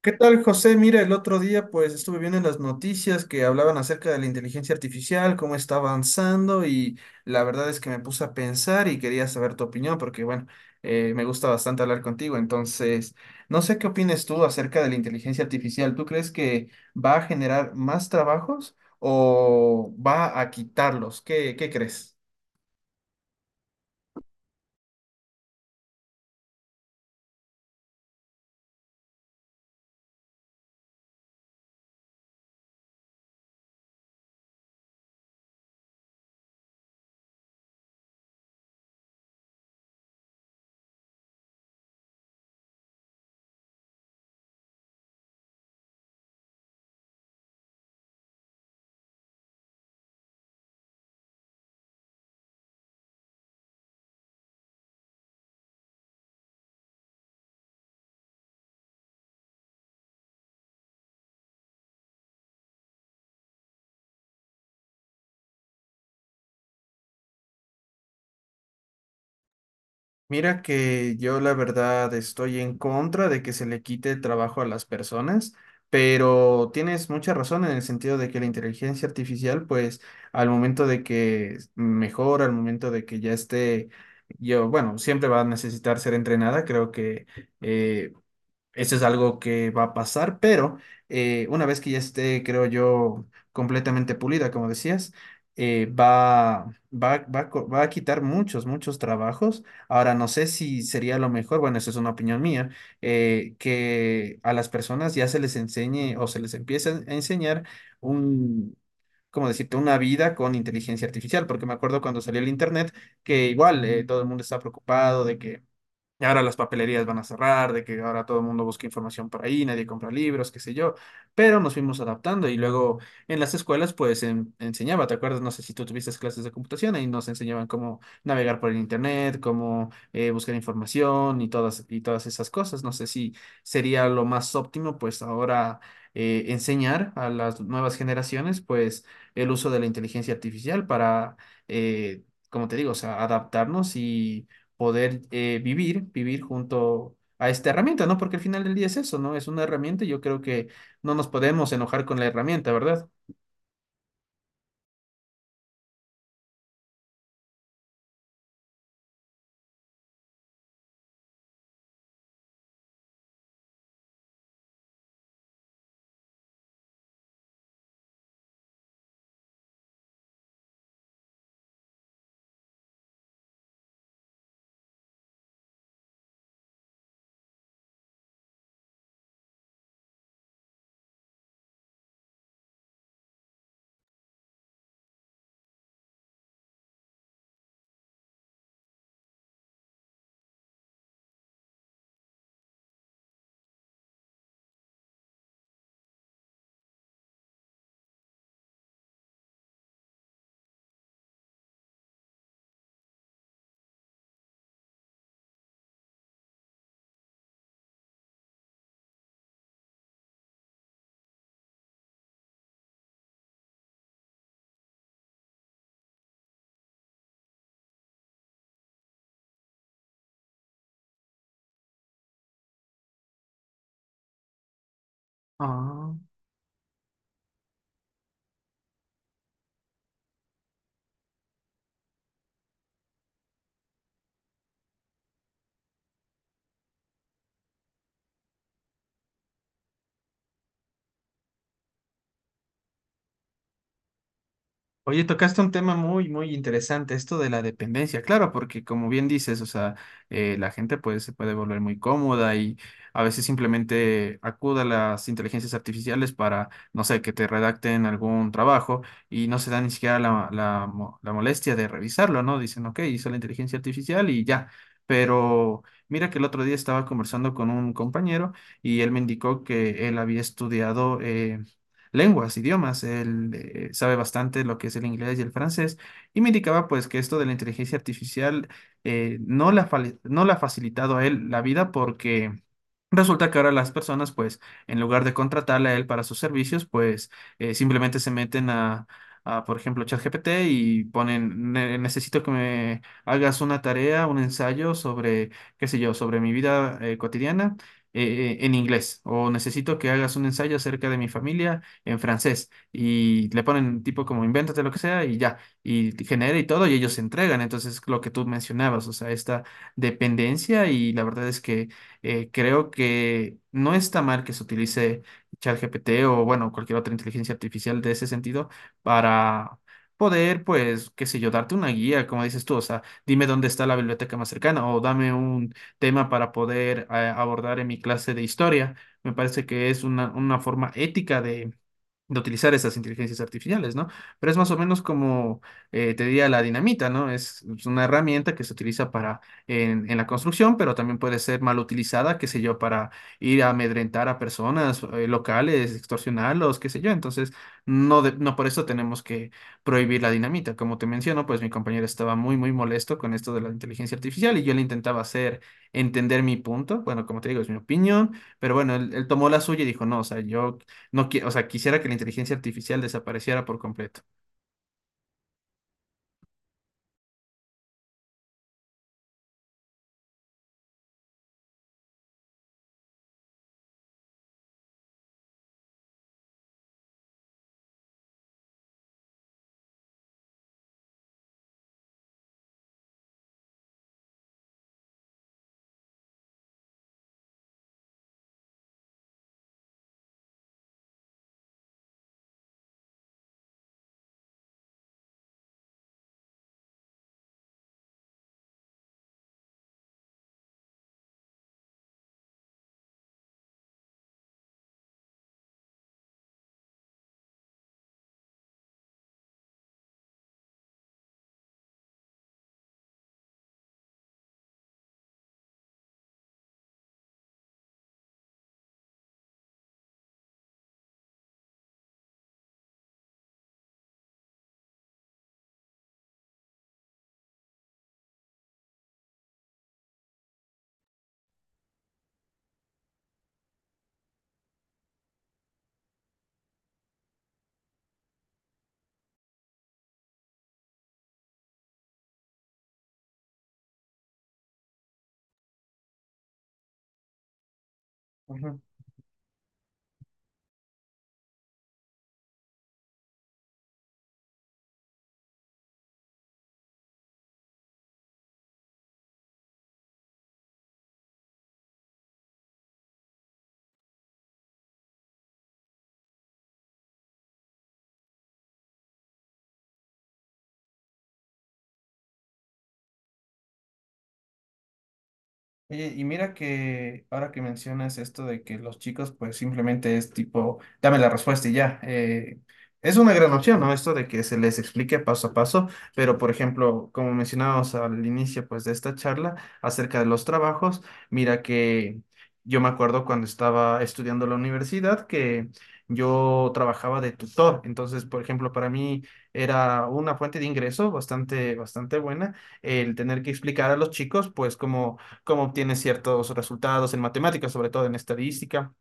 ¿Qué tal, José? Mira, el otro día pues estuve viendo en las noticias que hablaban acerca de la inteligencia artificial, cómo está avanzando y la verdad es que me puse a pensar y quería saber tu opinión porque bueno, me gusta bastante hablar contigo, entonces no sé qué opinas tú acerca de la inteligencia artificial. ¿Tú crees que va a generar más trabajos o va a quitarlos? ¿Qué crees? Mira que yo la verdad estoy en contra de que se le quite el trabajo a las personas, pero tienes mucha razón en el sentido de que la inteligencia artificial, pues al momento de que mejora, al momento de que ya esté, yo, bueno, siempre va a necesitar ser entrenada, creo que eh, eso es algo que va a pasar, pero una vez que ya esté, creo yo, completamente pulida, como decías, eh, va, va a quitar muchos trabajos. Ahora, no sé si sería lo mejor, bueno, eso es una opinión mía, que a las personas ya se les enseñe o se les empiece a enseñar un, como decirte, una vida con inteligencia artificial, porque me acuerdo cuando salió el internet que igual todo el mundo estaba preocupado de que y ahora las papelerías van a cerrar, de que ahora todo el mundo busca información por ahí, nadie compra libros, qué sé yo. Pero nos fuimos adaptando y luego en las escuelas pues enseñaba, ¿te acuerdas? No sé si tú tuviste clases de computación, ahí nos enseñaban cómo navegar por el internet, cómo buscar información y todas esas cosas. No sé si sería lo más óptimo pues ahora enseñar a las nuevas generaciones pues el uso de la inteligencia artificial para, como te digo, o sea, adaptarnos y poder vivir junto a esta herramienta, ¿no? Porque al final del día es eso, ¿no? Es una herramienta y yo creo que no nos podemos enojar con la herramienta, ¿verdad? Ah. Oye, tocaste un tema muy interesante, esto de la dependencia, claro, porque como bien dices, o sea, la gente pues se puede volver muy cómoda y a veces simplemente acude a las inteligencias artificiales para, no sé, que te redacten algún trabajo y no se da ni siquiera la molestia de revisarlo, ¿no? Dicen, ok, hizo la inteligencia artificial y ya, pero mira que el otro día estaba conversando con un compañero y él me indicó que él había estudiado lenguas, idiomas. Él sabe bastante lo que es el inglés y el francés y me indicaba pues que esto de la inteligencia artificial no no le ha facilitado a él la vida porque resulta que ahora las personas, pues, en lugar de contratarle a él para sus servicios, pues, simplemente se meten por ejemplo, ChatGPT y ponen, Necesito que me hagas una tarea, un ensayo sobre, qué sé yo, sobre mi vida cotidiana en inglés, o necesito que hagas un ensayo acerca de mi familia en francés, y le ponen tipo como invéntate lo que sea y ya, y genera y todo, y ellos se entregan. Entonces, lo que tú mencionabas, o sea, esta dependencia, y la verdad es que creo que no está mal que se utilice ChatGPT o, bueno, cualquier otra inteligencia artificial de ese sentido para poder, pues, qué sé yo, darte una guía, como dices tú, o sea, dime dónde está la biblioteca más cercana o dame un tema para poder abordar en mi clase de historia. Me parece que es una forma ética de utilizar esas inteligencias artificiales, ¿no? Pero es más o menos como te diría la dinamita, ¿no? Es una herramienta que se utiliza para en la construcción, pero también puede ser mal utilizada, qué sé yo, para ir a amedrentar a personas locales, extorsionarlos, qué sé yo. Entonces, no, no por eso tenemos que prohibir la dinamita. Como te menciono, pues mi compañero estaba muy molesto con esto de la inteligencia artificial y yo le intentaba hacer entender mi punto. Bueno, como te digo, es mi opinión, pero bueno, él tomó la suya y dijo, no, o sea, yo no, o sea, quisiera que la inteligencia artificial desapareciera por completo. Ujú. Oye, y mira que ahora que mencionas esto de que los chicos pues simplemente es tipo, dame la respuesta y ya. Es una gran opción, ¿no? Esto de que se les explique paso a paso, pero por ejemplo, como mencionábamos al inicio pues de esta charla acerca de los trabajos, mira que yo me acuerdo cuando estaba estudiando en la universidad que yo trabajaba de tutor, entonces por ejemplo para mí era una fuente de ingreso bastante buena el tener que explicar a los chicos pues como cómo obtiene ciertos resultados en matemáticas, sobre todo en estadística.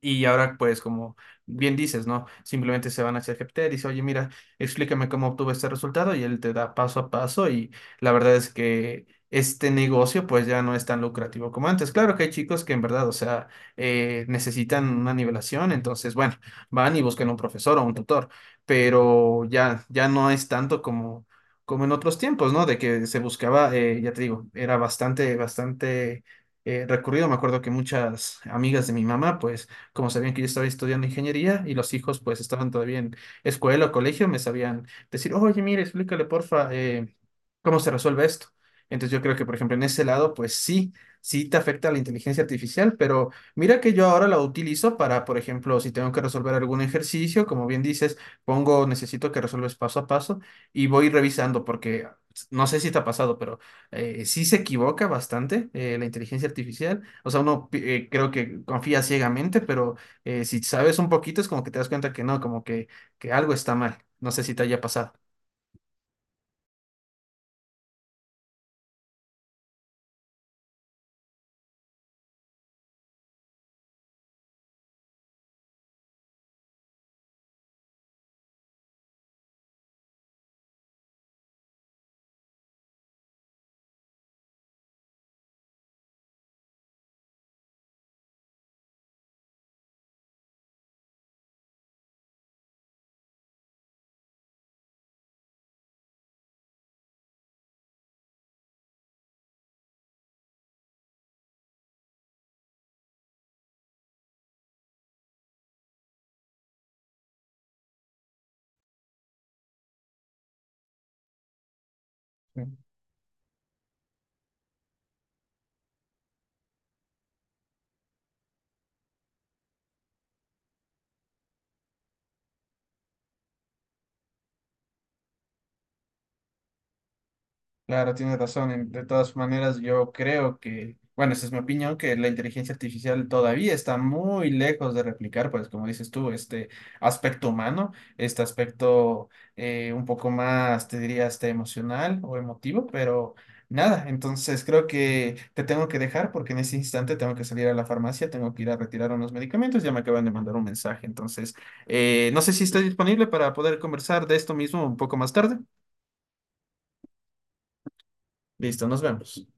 Y ahora, pues, como bien dices, ¿no? Simplemente se van hacia GPT, dice, oye, mira, explícame cómo obtuve este resultado y él te da paso a paso y la verdad es que este negocio, pues, ya no es tan lucrativo como antes. Claro que hay chicos que en verdad, o sea, necesitan una nivelación, entonces, bueno, van y buscan un profesor o un tutor, pero ya no es tanto como, como en otros tiempos, ¿no? De que se buscaba, ya te digo, era bastante... recurrido, me acuerdo que muchas amigas de mi mamá, pues como sabían que yo estaba estudiando ingeniería y los hijos pues estaban todavía en escuela o colegio, me sabían decir, oye, mire, explícale porfa, cómo se resuelve esto. Entonces yo creo que, por ejemplo, en ese lado, pues sí te afecta la inteligencia artificial, pero mira que yo ahora la utilizo para, por ejemplo, si tengo que resolver algún ejercicio, como bien dices, pongo, necesito que resuelves paso a paso y voy revisando porque no sé si te ha pasado, pero sí se equivoca bastante la inteligencia artificial. O sea, creo que confía ciegamente, pero si sabes un poquito es como que te das cuenta que no, como que algo está mal. No sé si te haya pasado. Claro, tienes razón. De todas maneras, yo creo que, bueno, esa es mi opinión, que la inteligencia artificial todavía está muy lejos de replicar, pues como dices tú, este aspecto humano, este aspecto un poco más, te diría, hasta emocional o emotivo, pero nada, entonces creo que te tengo que dejar porque en ese instante tengo que salir a la farmacia, tengo que ir a retirar unos medicamentos, ya me acaban de mandar un mensaje, entonces no sé si estás disponible para poder conversar de esto mismo un poco más tarde. Listo, nos vemos.